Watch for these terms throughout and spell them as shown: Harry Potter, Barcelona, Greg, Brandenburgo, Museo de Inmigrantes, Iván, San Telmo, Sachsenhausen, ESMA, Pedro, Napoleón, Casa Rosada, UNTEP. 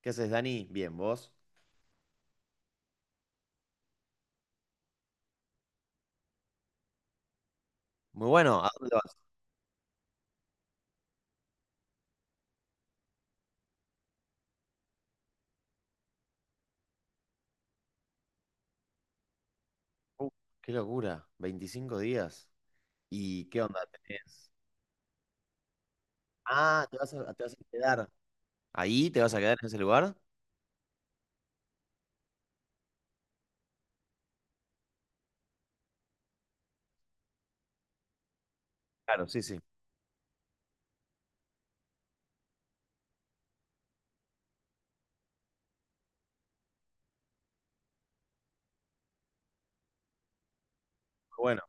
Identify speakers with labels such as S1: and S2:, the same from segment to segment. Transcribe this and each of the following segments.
S1: ¿Qué haces, Dani? Bien, ¿vos? Muy bueno, ¿a dónde vas? Uh, qué locura, 25 días. ¿Y qué onda tenés? Ah, te vas a quedar. ¿Ahí te vas a quedar en ese lugar? Claro, sí, sí. Bueno,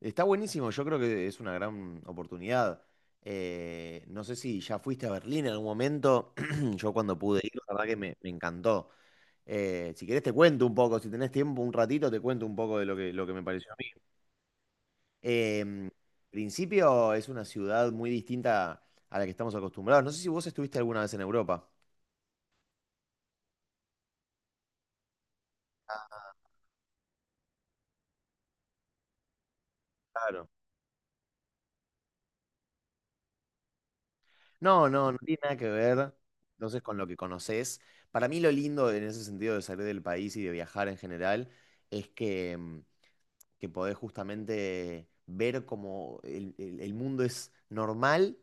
S1: está buenísimo, yo creo que es una gran oportunidad. No sé si ya fuiste a Berlín en algún momento, yo cuando pude ir, la verdad que me encantó. Si querés te cuento un poco, si tenés tiempo, un ratito, te cuento un poco de lo que me pareció. Em, principio es una ciudad muy distinta a la que estamos acostumbrados. No sé si vos estuviste alguna vez en Europa. Ah, claro. No, no, no tiene nada que ver entonces con lo que conoces. Para mí lo lindo en ese sentido de salir del país y de viajar en general es que podés justamente ver cómo el mundo es normal,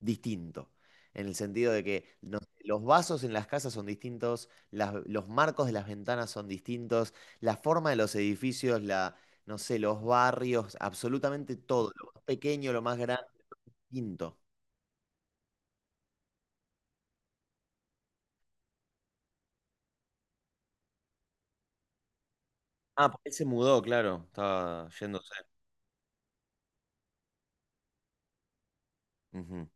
S1: distinto. En el sentido de que no sé, los vasos en las casas son distintos, los marcos de las ventanas son distintos, la forma de los edificios, la, no sé, los barrios, absolutamente todo, lo más pequeño, lo más grande, distinto. Ah, porque él se mudó, claro, estaba yéndose. Ujú.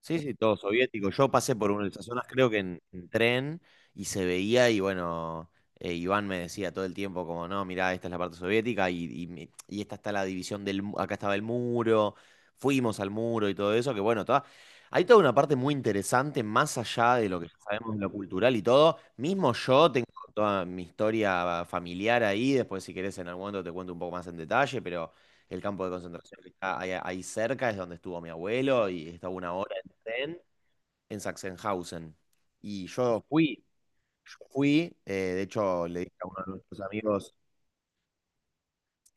S1: Sí, sí, todo soviético. Yo pasé por una de esas zonas, creo que en tren, y se veía, y bueno, Iván me decía todo el tiempo como, no, mirá, esta es la parte soviética, y esta está la división del, acá estaba el muro, fuimos al muro y todo eso, que bueno, toda, hay toda una parte muy interesante, más allá de lo que ya sabemos de lo cultural y todo. Mismo yo tengo toda mi historia familiar ahí, después si querés en algún momento te cuento un poco más en detalle, pero el campo de concentración que está ahí, ahí cerca es donde estuvo mi abuelo y está una hora en, en Sachsenhausen. Y yo fui. De hecho le dije a uno de nuestros amigos.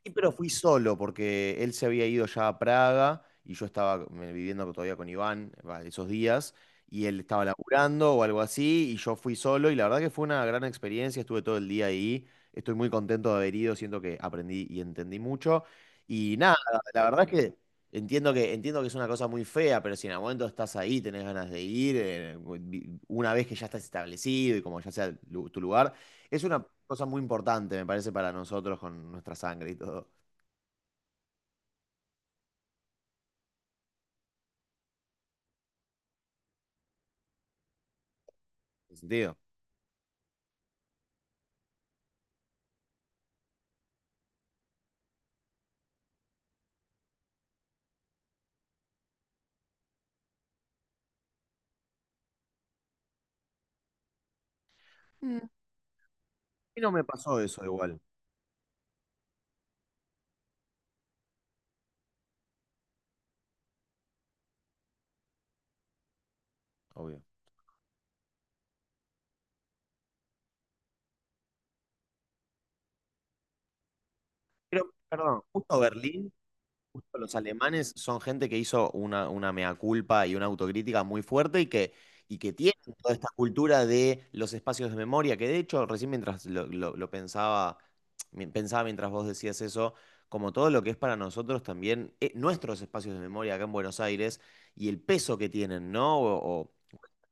S1: Sí, pero fui solo porque él se había ido ya a Praga y yo estaba viviendo todavía con Iván, esos días y él estaba laburando o algo así y yo fui solo y la verdad que fue una gran experiencia, estuve todo el día ahí, estoy muy contento de haber ido, siento que aprendí y entendí mucho y nada, la verdad es que entiendo que es una cosa muy fea, pero si en algún momento estás ahí, tenés ganas de ir, una vez que ya estás establecido y como ya sea tu lugar, es una cosa muy importante, me parece, para nosotros con nuestra sangre y todo. ¿En sentido? A mí no me pasó eso igual, obvio. Pero, perdón, justo Berlín, justo los alemanes son gente que hizo una mea culpa y una autocrítica muy fuerte y que, tienen toda esta cultura de los espacios de memoria, que de hecho, recién mientras lo pensaba, pensaba mientras vos decías eso, como todo lo que es para nosotros también, nuestros espacios de memoria acá en Buenos Aires y el peso que tienen, ¿no? O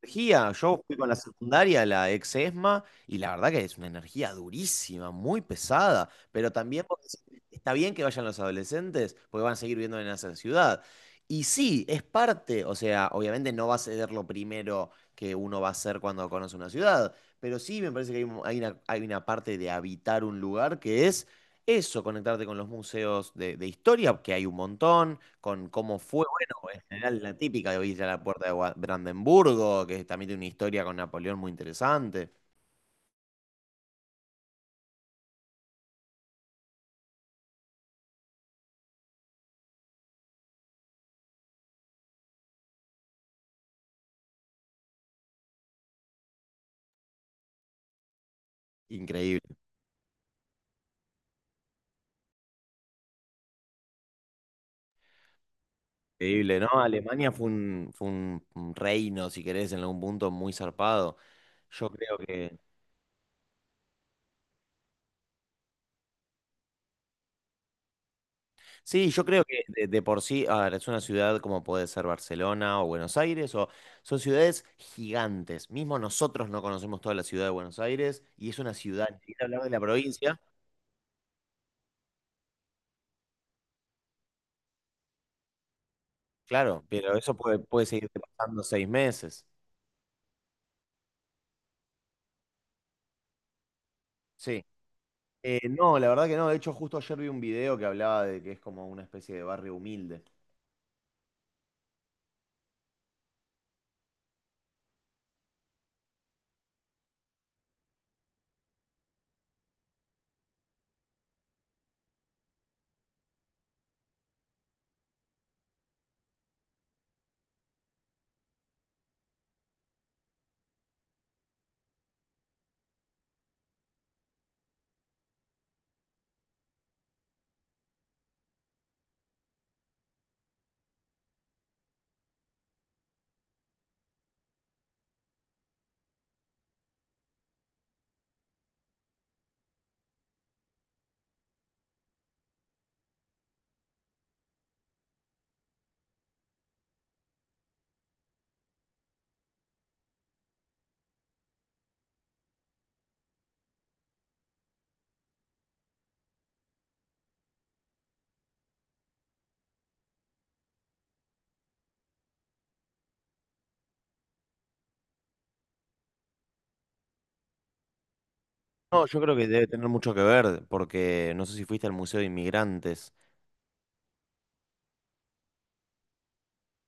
S1: energía. Yo fui con la secundaria, la ex ESMA, y la verdad que es una energía durísima, muy pesada. Pero también vos decís, está bien que vayan los adolescentes, porque van a seguir viviendo en esa ciudad. Y sí, es parte, o sea, obviamente no va a ser lo primero que uno va a hacer cuando conoce una ciudad, pero sí me parece que hay una parte de habitar un lugar que es eso, conectarte con los museos de historia, que hay un montón, con cómo fue general, la típica de Villa La Puerta de Brandenburgo, que también tiene una historia con Napoleón muy interesante. Increíble, increíble, ¿no? Alemania fue un reino, si querés, en algún punto muy zarpado. Yo creo que, sí, yo creo que de por sí, a ver, es una ciudad como puede ser Barcelona o Buenos Aires, o son ciudades gigantes. Mismo nosotros no conocemos toda la ciudad de Buenos Aires y es una ciudad, ni hablar de la provincia, claro, pero eso puede seguir pasando 6 meses. Sí. No, la verdad que no. De hecho, justo ayer vi un video que hablaba de que es como una especie de barrio humilde. No, yo creo que debe tener mucho que ver, porque no sé si fuiste al Museo de Inmigrantes.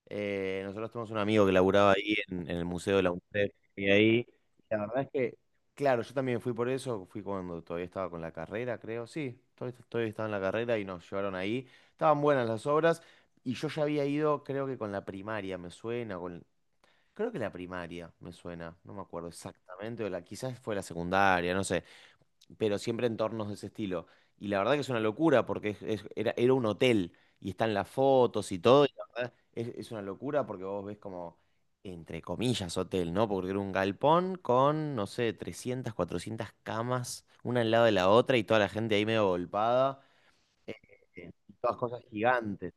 S1: Nosotros tenemos un amigo que laburaba ahí en el Museo de la UNTEP y ahí, la verdad es que, claro, yo también fui por eso, fui cuando todavía estaba con la carrera, creo, sí, todavía estaba en la carrera y nos llevaron ahí. Estaban buenas las obras y yo ya había ido, creo que con la primaria, me suena, con creo que la primaria me suena, no me acuerdo exactamente, o la, quizás fue la secundaria, no sé, pero siempre entornos de ese estilo. Y la verdad que es una locura porque era un hotel y están las fotos y todo, y la verdad es una locura porque vos ves como, entre comillas, hotel, ¿no? Porque era un galpón con, no sé, 300, 400 camas, una al lado de la otra y toda la gente ahí medio volpada, eh, todas cosas gigantes.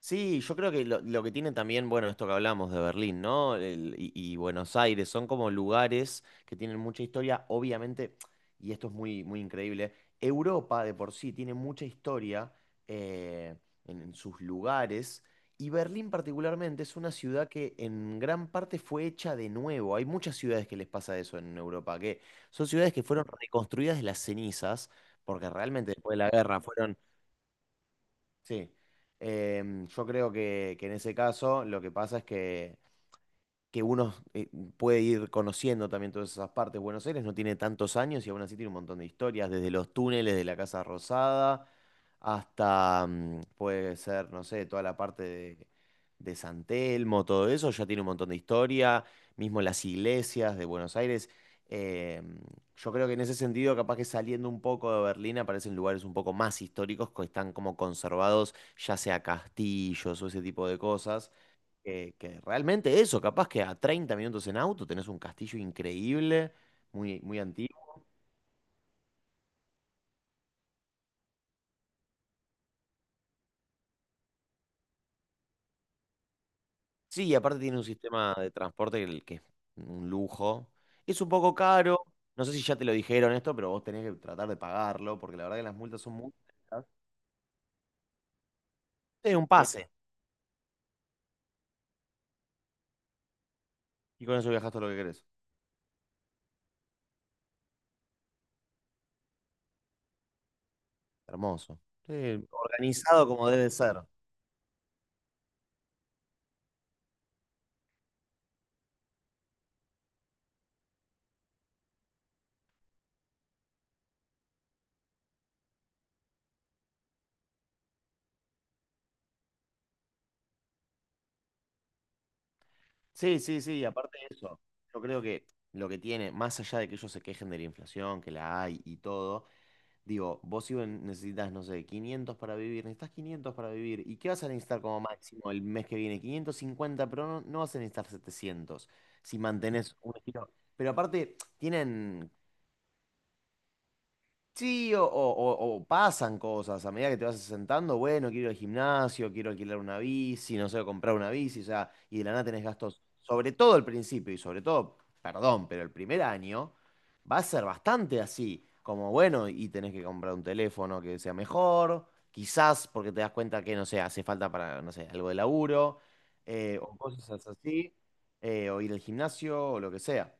S1: Sí, yo creo que lo que tiene también, bueno, esto que hablamos de Berlín, ¿no? Y Buenos Aires, son como lugares que tienen mucha historia, obviamente, y esto es muy, muy increíble, Europa de por sí tiene mucha historia eh, en sus lugares, y Berlín particularmente es una ciudad que en gran parte fue hecha de nuevo. Hay muchas ciudades que les pasa eso en Europa, que son ciudades que fueron reconstruidas de las cenizas, porque realmente después de la guerra fueron. Sí. Yo creo que, en ese caso lo que pasa es que uno puede ir conociendo también todas esas partes. Buenos Aires no tiene tantos años y aún así tiene un montón de historias, desde los túneles de la Casa Rosada hasta, puede ser, no sé, toda la parte de San Telmo, todo eso, ya tiene un montón de historia, mismo las iglesias de Buenos Aires. Eh, yo creo que en ese sentido, capaz que saliendo un poco de Berlín aparecen lugares un poco más históricos que están como conservados, ya sea castillos o ese tipo de cosas que realmente eso, capaz que a 30 minutos en auto tenés un castillo increíble, muy, muy antiguo. Sí, y aparte tiene un sistema de transporte que es un lujo. Es un poco caro, no sé si ya te lo dijeron esto, pero vos tenés que tratar de pagarlo, porque la verdad que las multas son muy altas. Sí, un pase. Y con eso viajás todo lo que querés. Hermoso. Sí, organizado como debe ser. Sí, sí, sí, y aparte de eso, yo creo que lo que tiene, más allá de que ellos se quejen de la inflación, que la hay y todo, digo, vos necesitas, no sé, 500 para vivir, necesitas 500 para vivir, ¿y qué vas a necesitar como máximo el mes que viene? 550, pero no, no vas a necesitar 700 si mantenés un estilo. Pero aparte, tienen. Sí, o pasan cosas a medida que te vas asentando, bueno, quiero ir al gimnasio, quiero alquilar una bici, no sé, comprar una bici, o sea, y de la nada tenés gastos, sobre todo al principio y sobre todo, perdón, pero el primer año va a ser bastante así, como bueno, y tenés que comprar un teléfono que sea mejor, quizás porque te das cuenta que, no sé, hace falta para, no sé, algo de laburo, o cosas así, o ir al gimnasio, o lo que sea.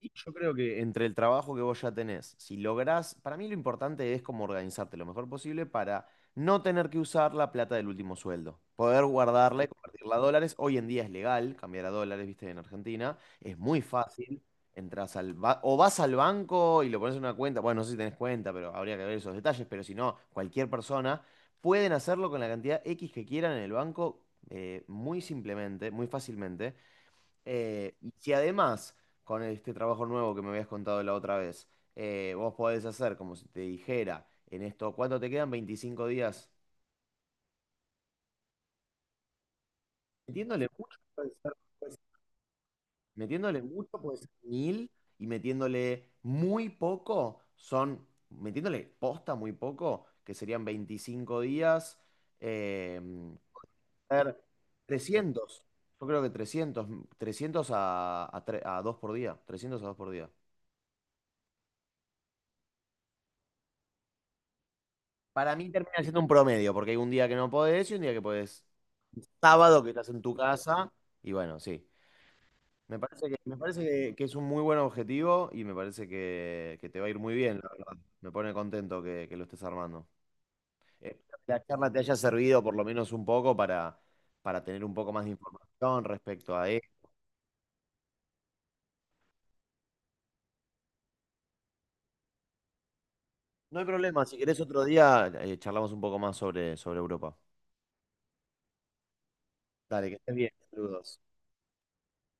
S1: Y yo creo que entre el trabajo que vos ya tenés, si lográs, para mí lo importante es como organizarte lo mejor posible para no tener que usar la plata del último sueldo, poder guardarla y convertirla a dólares. Hoy en día es legal cambiar a dólares, viste, en Argentina, es muy fácil. Entras al o vas al banco y lo pones en una cuenta, bueno, no sé si tenés cuenta, pero habría que ver esos detalles, pero si no, cualquier persona pueden hacerlo con la cantidad X que quieran en el banco muy simplemente, muy fácilmente. Y si además, con este trabajo nuevo que me habías contado la otra vez, vos podés hacer como si te dijera en esto, ¿cuánto te quedan? 25 días. Metiéndole mucho puede ser, puede ser- metiéndole mucho puede ser mil y metiéndole muy poco son, metiéndole posta muy poco, que serían 25 días, eh, a ver, 300. Yo creo que trescientos a 2 por día, 300 a 2 por día. Para mí termina siendo un promedio, porque hay un día que no podés y un día que podés. Sábado que estás en tu casa. Y bueno, sí. Me parece que es un muy buen objetivo y me parece que te va a ir muy bien, la verdad. Me pone contento que lo estés armando. Espero que la charla te haya servido por lo menos un poco para, tener un poco más de información respecto a esto. No hay problema, si querés otro día charlamos un poco más sobre Europa. Dale, que estés bien. Saludos.